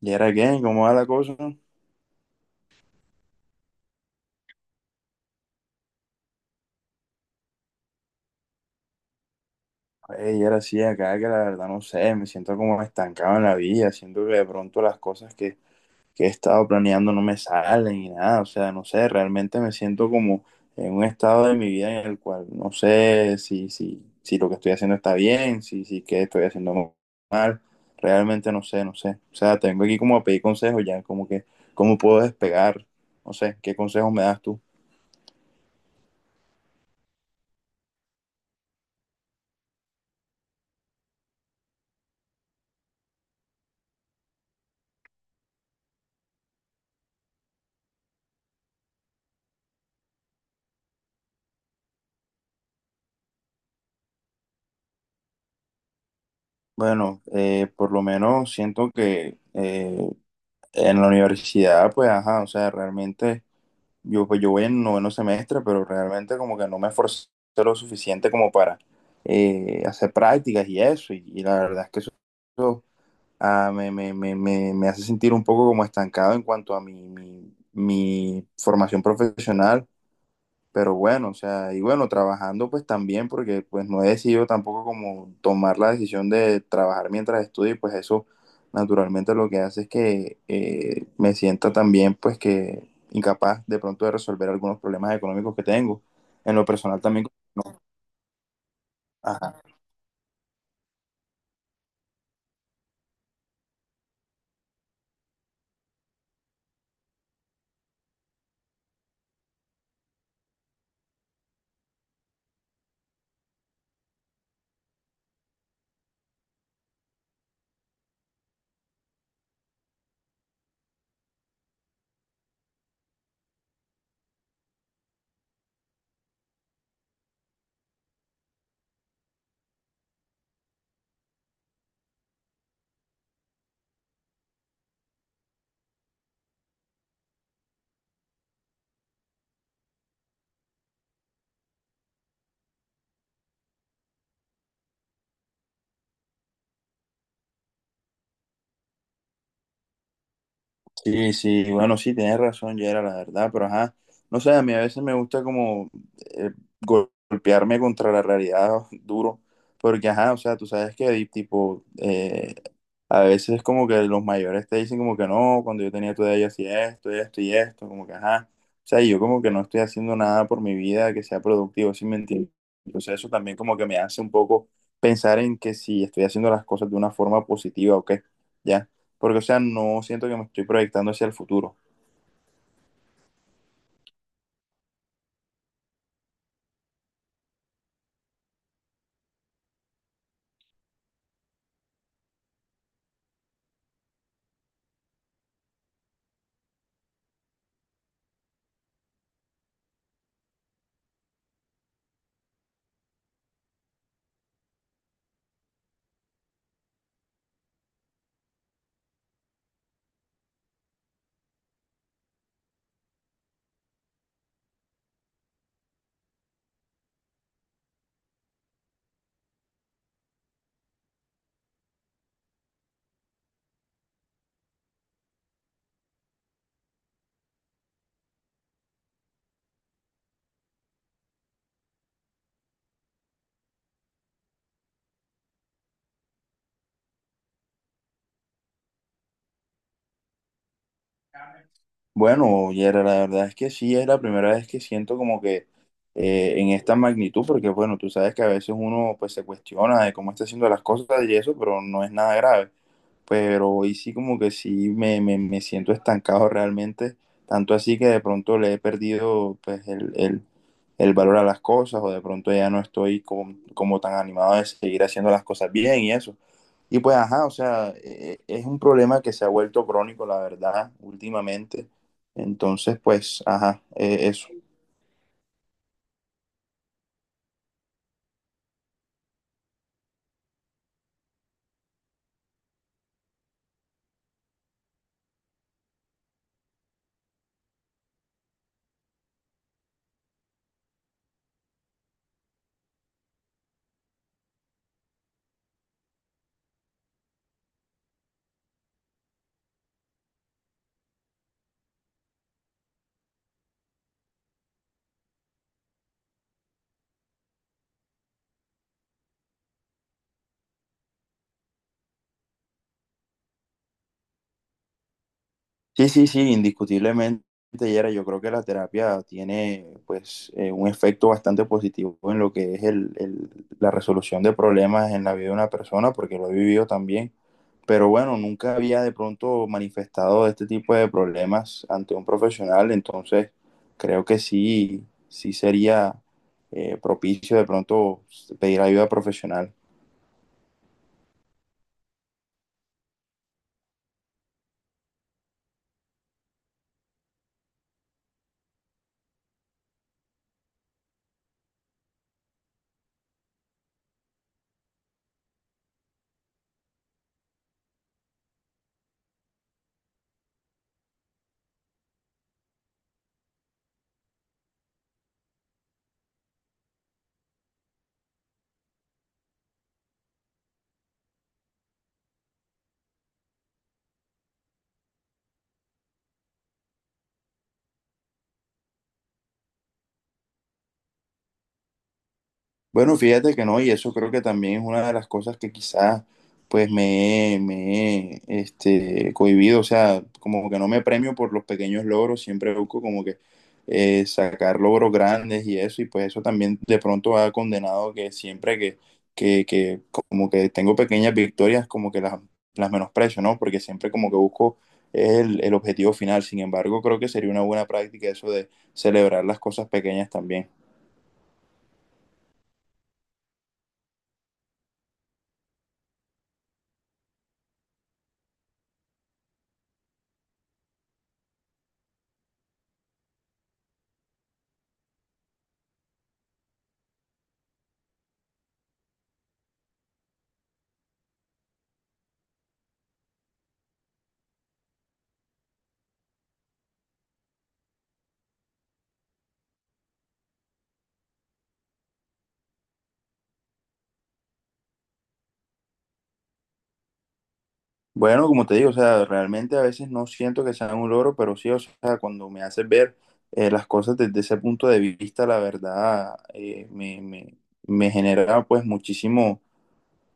¿Y era qué? ¿Cómo va la cosa? Y era así acá que la verdad no sé, me siento como estancado en la vida, siento que de pronto las cosas que he estado planeando no me salen y nada, o sea, no sé, realmente me siento como en un estado de mi vida en el cual no sé si lo que estoy haciendo está bien, si qué estoy haciendo mal, realmente no sé, no sé, o sea, tengo aquí como a pedir consejos ya, como que, ¿cómo puedo despegar? No sé, ¿qué consejos me das tú? Bueno, por lo menos siento que en la universidad, pues, ajá, o sea, realmente, yo, pues, yo voy en noveno semestre, pero realmente como que no me esforcé lo suficiente como para hacer prácticas y eso, y la verdad es que eso, me hace sentir un poco como estancado en cuanto a mi formación profesional. Pero bueno, o sea, y bueno, trabajando pues también, porque pues no he decidido tampoco como tomar la decisión de trabajar mientras estudio, y pues eso naturalmente lo que hace es que me sienta también pues que incapaz de pronto de resolver algunos problemas económicos que tengo. En lo personal también, ajá. Sí, sí, bueno, sí, tienes razón, Yera, la verdad, pero ajá, no sé, a mí a veces me gusta como eh, golpearme contra la realidad duro, porque ajá, o sea, tú sabes que hay, tipo, a veces como que los mayores te dicen como que no, cuando yo tenía tu edad yo hacía esto, esto y esto, como que ajá, o sea, y yo como que no estoy haciendo nada por mi vida que sea productivo, sin mentir, entonces eso también como que me hace un poco pensar en que si estoy haciendo las cosas de una forma positiva o qué, ya porque, o sea, no siento que me estoy proyectando hacia el futuro. Bueno, Yera, la verdad es que sí, es la primera vez que siento como que en esta magnitud, porque, bueno, tú sabes que a veces uno pues se cuestiona de cómo está haciendo las cosas y eso, pero no es nada grave. Pero hoy sí como que sí me siento estancado realmente, tanto así que de pronto le he perdido pues el valor a las cosas o de pronto ya no estoy como, como tan animado de seguir haciendo las cosas bien y eso. Y pues, ajá, o sea, es un problema que se ha vuelto crónico, la verdad, últimamente. Entonces, pues, ajá, eso. Sí, sí, sí, indiscutiblemente, Yera, yo creo que la terapia tiene pues un efecto bastante positivo en lo que es la resolución de problemas en la vida de una persona, porque lo he vivido también. Pero bueno, nunca había de pronto manifestado este tipo de problemas ante un profesional, entonces creo que sí sería propicio de pronto pedir ayuda profesional. Bueno, fíjate que no, y eso creo que también es una de las cosas que quizás pues este, cohibido, o sea, como que no me premio por los pequeños logros, siempre busco como que sacar logros grandes y eso, y pues eso también de pronto ha condenado que siempre que como que tengo pequeñas victorias, como que las menosprecio, ¿no? Porque siempre como que busco el objetivo final. Sin embargo, creo que sería una buena práctica eso de celebrar las cosas pequeñas también. Bueno, como te digo, o sea, realmente a veces no siento que sea un logro, pero sí, o sea, cuando me haces ver las cosas desde ese punto de vista, la verdad, me genera pues muchísimo,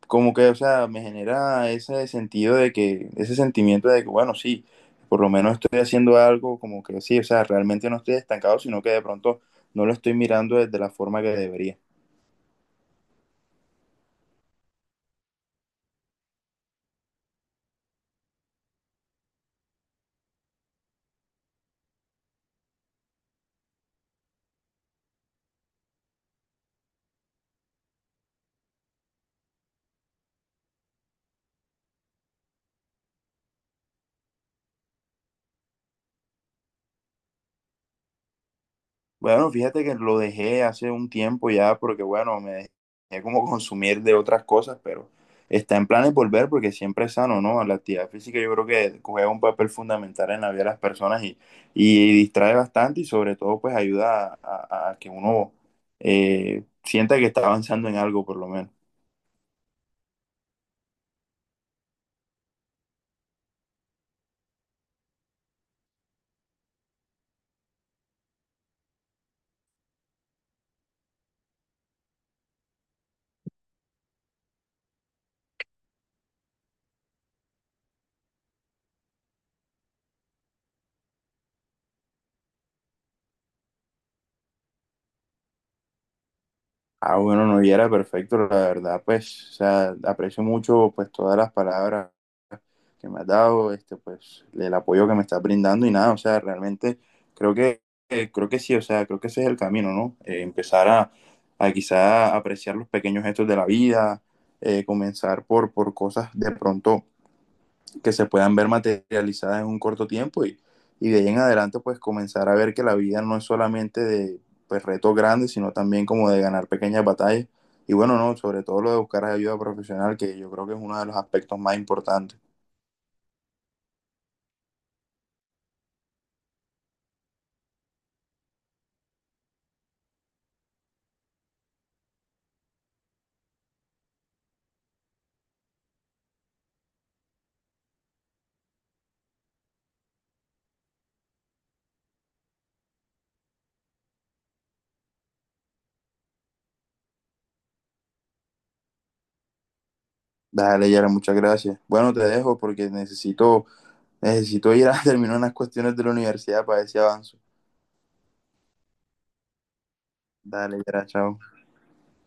como que, o sea, me genera ese sentido de que, ese sentimiento de que, bueno, sí, por lo menos estoy haciendo algo, como que sí, o sea, realmente no estoy estancado, sino que de pronto no lo estoy mirando desde la forma que debería. Bueno, fíjate que lo dejé hace un tiempo ya porque, bueno, me dejé como consumir de otras cosas, pero está en planes volver porque siempre es sano, ¿no? La actividad física yo creo que juega un papel fundamental en la vida de las personas y distrae bastante y sobre todo pues ayuda a que uno sienta que está avanzando en algo por lo menos. Ah, bueno, no, y era perfecto, la verdad, pues, o sea, aprecio mucho pues todas las palabras que me has dado, este, pues el apoyo que me estás brindando y nada, o sea, realmente creo que, creo que sí, o sea, creo que ese es el camino, ¿no? Empezar a quizá apreciar los pequeños gestos de la vida, comenzar por cosas de pronto que se puedan ver materializadas en un corto tiempo y de ahí en adelante pues comenzar a ver que la vida no es solamente de pues, retos grandes, sino también como de ganar pequeñas batallas. Y bueno, no, sobre todo lo de buscar ayuda profesional, que yo creo que es uno de los aspectos más importantes. Dale, Yara, muchas gracias. Bueno, te dejo porque necesito ir a terminar unas cuestiones de la universidad para ver si avanzo. Dale, Yara, chao.